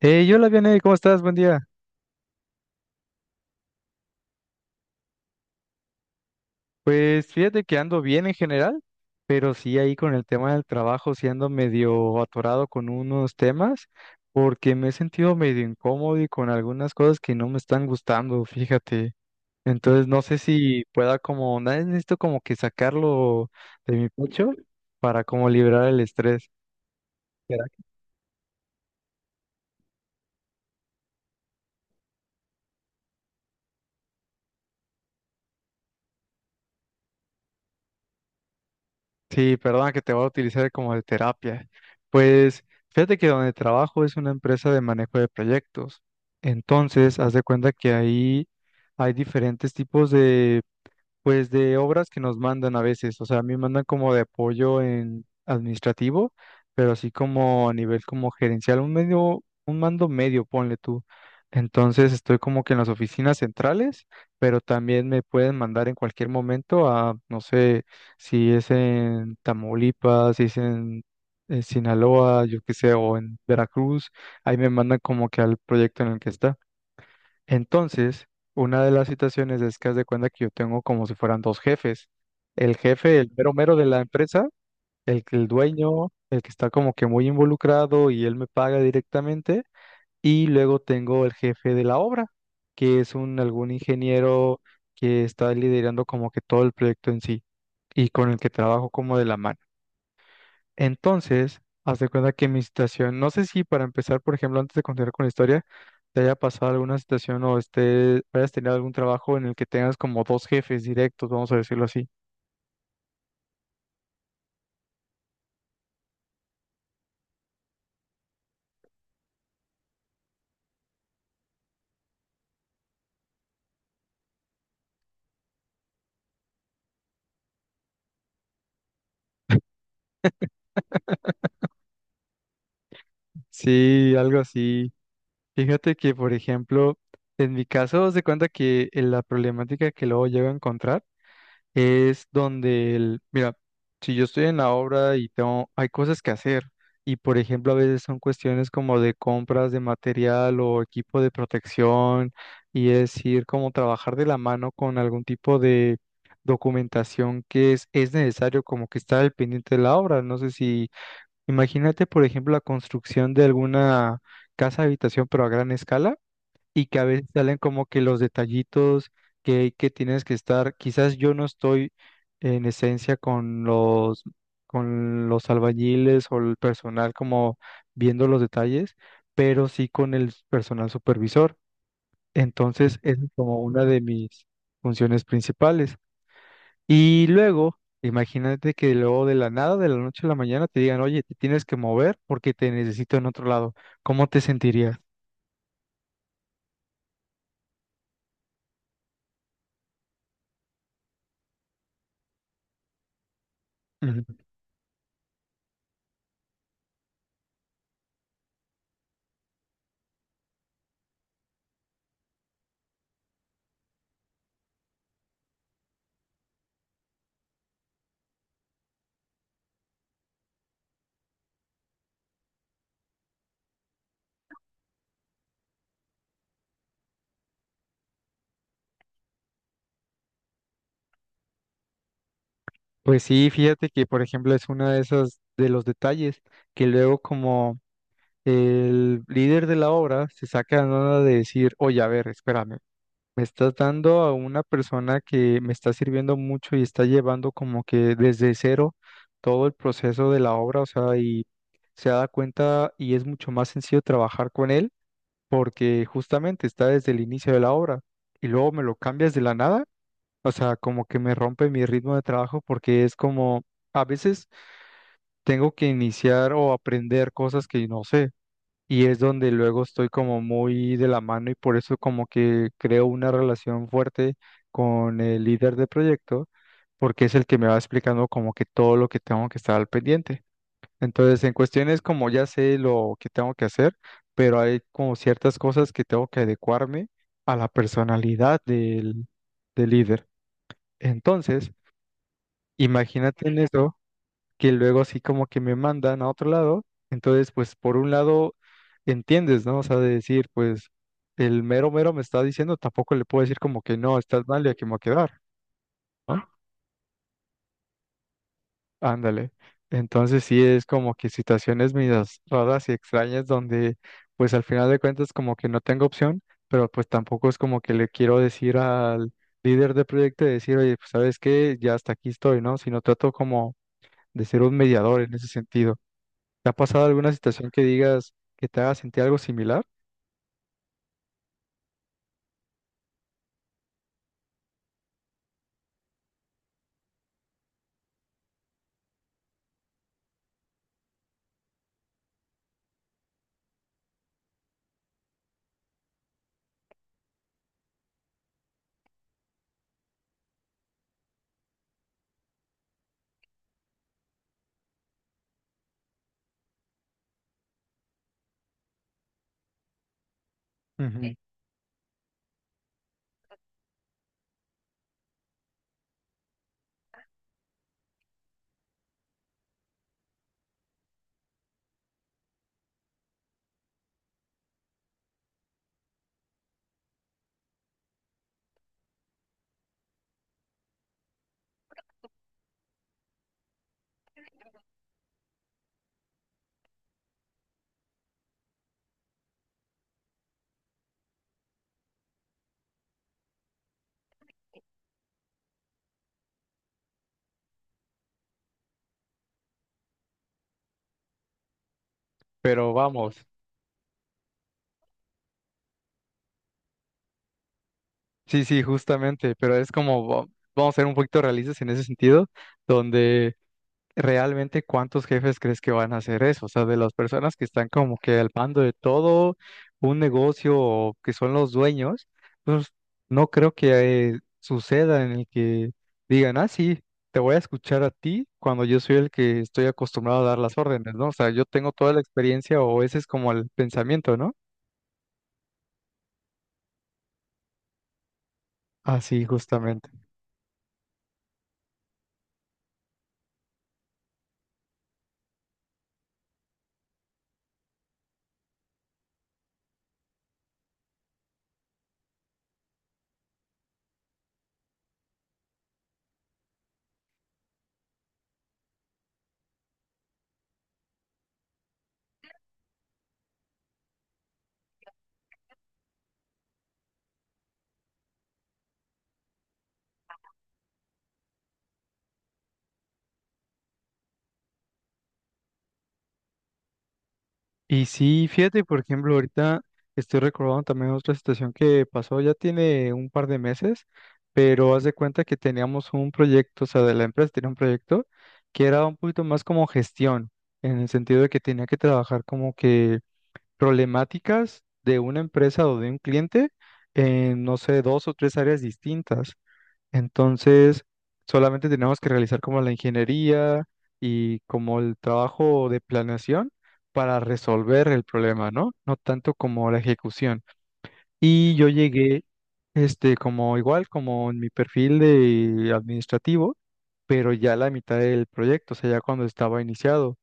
Hey, hola, Vianey, ¿cómo estás? Buen día. Pues fíjate que ando bien en general, pero sí ahí con el tema del trabajo, sí ando medio atorado con unos temas, porque me he sentido medio incómodo y con algunas cosas que no me están gustando, fíjate. Entonces no sé si pueda como, nada, necesito como que sacarlo de mi pecho para como liberar el estrés. Sí, perdona que te voy a utilizar como de terapia. Pues fíjate que donde trabajo es una empresa de manejo de proyectos. Entonces, haz de cuenta que ahí hay diferentes tipos de pues de obras que nos mandan a veces, o sea, a mí me mandan como de apoyo en administrativo, pero así como a nivel como gerencial, un medio, un mando medio, ponle tú. Entonces estoy como que en las oficinas centrales, pero también me pueden mandar en cualquier momento a, no sé, si es en Tamaulipas, si es en Sinaloa, yo qué sé, o en Veracruz, ahí me mandan como que al proyecto en el que está. Entonces, una de las situaciones es que haz de cuenta que yo tengo como si fueran dos jefes. El jefe, el mero mero de la empresa, el dueño, el que está como que muy involucrado y él me paga directamente. Y luego tengo el jefe de la obra, que es un algún ingeniero que está liderando como que todo el proyecto en sí y con el que trabajo como de la mano. Entonces, haz de cuenta que mi situación, no sé si para empezar, por ejemplo, antes de continuar con la historia, te haya pasado alguna situación o esté, hayas tenido algún trabajo en el que tengas como dos jefes directos, vamos a decirlo así. Sí, algo así. Fíjate que, por ejemplo, en mi caso, haz de cuenta que la problemática que luego llego a encontrar es donde el, mira, si yo estoy en la obra y tengo, hay cosas que hacer, y por ejemplo a veces son cuestiones como de compras de material o equipo de protección, y es ir como trabajar de la mano con algún tipo de documentación que es necesario como que estar al pendiente de la obra. No sé si, imagínate por ejemplo la construcción de alguna casa habitación pero a gran escala y que a veces salen como que los detallitos que tienes que estar. Quizás yo no estoy en esencia con los albañiles o el personal como viendo los detalles, pero sí con el personal supervisor. Entonces, esa es como una de mis funciones principales. Y luego, imagínate que luego de la nada, de la noche a la mañana, te digan, oye, te tienes que mover porque te necesito en otro lado. ¿Cómo te sentirías? Pues sí, fíjate que por ejemplo es uno de esos de los detalles que luego como el líder de la obra se saca la nada de decir, oye, a ver, espérame, me estás dando a una persona que me está sirviendo mucho y está llevando como que desde cero todo el proceso de la obra, o sea, y se da cuenta y es mucho más sencillo trabajar con él porque justamente está desde el inicio de la obra y luego me lo cambias de la nada. O sea, como que me rompe mi ritmo de trabajo porque es como, a veces tengo que iniciar o aprender cosas que no sé. Y es donde luego estoy como muy de la mano y por eso como que creo una relación fuerte con el líder de proyecto, porque es el que me va explicando como que todo lo que tengo que estar al pendiente. Entonces, en cuestiones como ya sé lo que tengo que hacer, pero hay como ciertas cosas que tengo que adecuarme a la personalidad del líder. Entonces, imagínate en eso, que luego así como que me mandan a otro lado, entonces pues por un lado entiendes, ¿no? O sea, de decir, pues el mero mero me está diciendo, tampoco le puedo decir como que no, estás mal y aquí me voy a quedar, ¿no? Ándale. Entonces sí es como que situaciones medias raras y extrañas donde pues al final de cuentas como que no tengo opción, pero pues tampoco es como que le quiero decir al líder de proyecto y decir, oye, pues sabes qué, ya hasta aquí estoy, ¿no? Sino trato como de ser un mediador en ese sentido. ¿Te ha pasado alguna situación que digas que te haga sentir algo similar? Ujú. Sí. Pero vamos, sí, sí, justamente, pero es como, vamos a ser un poquito realistas en ese sentido, donde realmente ¿cuántos jefes crees que van a hacer eso? O sea, de las personas que están como que al mando de todo un negocio o que son los dueños, pues no creo que suceda en el que digan, ah, sí, te voy a escuchar a ti cuando yo soy el que estoy acostumbrado a dar las órdenes, ¿no? O sea, yo tengo toda la experiencia o ese es como el pensamiento, ¿no? Así, justamente. Y sí, fíjate, por ejemplo, ahorita estoy recordando también otra situación que pasó, ya tiene un par de meses, pero haz de cuenta que teníamos un proyecto, o sea, de la empresa tenía un proyecto que era un poquito más como gestión, en el sentido de que tenía que trabajar como que problemáticas de una empresa o de un cliente en, no sé, dos o tres áreas distintas. Entonces, solamente tenemos que realizar como la ingeniería y como el trabajo de planeación para resolver el problema, ¿no? No tanto como la ejecución. Y yo llegué, como igual, como en mi perfil de administrativo, pero ya a la mitad del proyecto, o sea, ya cuando estaba iniciado.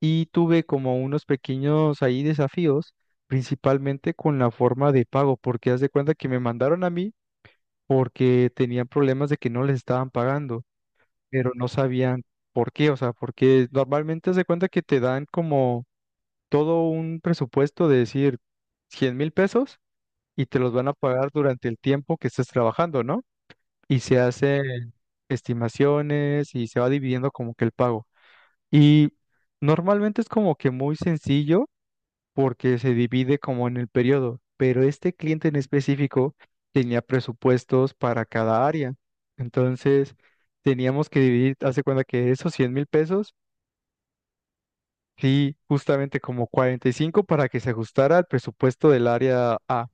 Y tuve como unos pequeños ahí desafíos, principalmente con la forma de pago, porque haz de cuenta que me mandaron a mí porque tenían problemas de que no les estaban pagando pero no sabían por qué, o sea, porque normalmente se cuenta que te dan como todo un presupuesto de decir 100,000 pesos y te los van a pagar durante el tiempo que estés trabajando, ¿no? Y se hacen estimaciones y se va dividiendo como que el pago. Y normalmente es como que muy sencillo porque se divide como en el periodo, pero este cliente en específico tenía presupuestos para cada área. Entonces, teníamos que dividir, hace cuenta que esos 100,000 pesos, sí, justamente como 45 para que se ajustara al presupuesto del área A,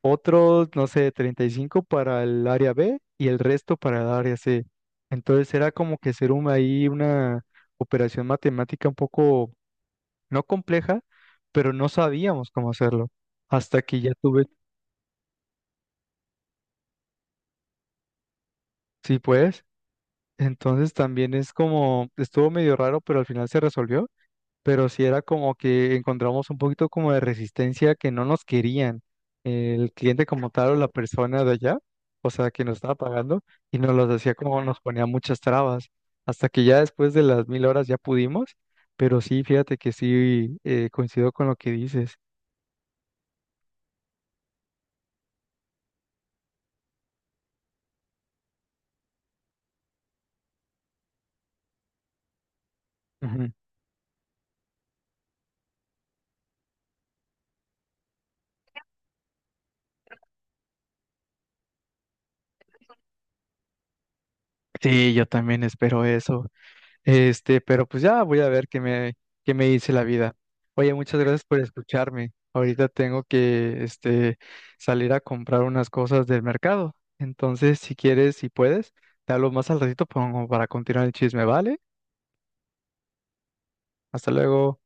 otros, no sé, 35 para el área B y el resto para el área C. Entonces, era como que ser un, ahí una operación matemática un poco no compleja, pero no sabíamos cómo hacerlo. Hasta que ya tuve, sí, pues. Entonces también es como, estuvo medio raro, pero al final se resolvió. Pero sí era como que encontramos un poquito como de resistencia que no nos querían el cliente como tal o la persona de allá, o sea, que nos estaba pagando y nos los decía como nos ponía muchas trabas. Hasta que ya después de las mil horas ya pudimos, pero sí, fíjate que sí coincido con lo que dices. Ujú. Sí, yo también espero eso. Pero pues ya voy a ver qué me dice la vida. Oye, muchas gracias por escucharme. Ahorita tengo que, salir a comprar unas cosas del mercado. Entonces, si quieres, si puedes, te hablo más al ratito pongo para continuar el chisme, ¿vale? Hasta luego.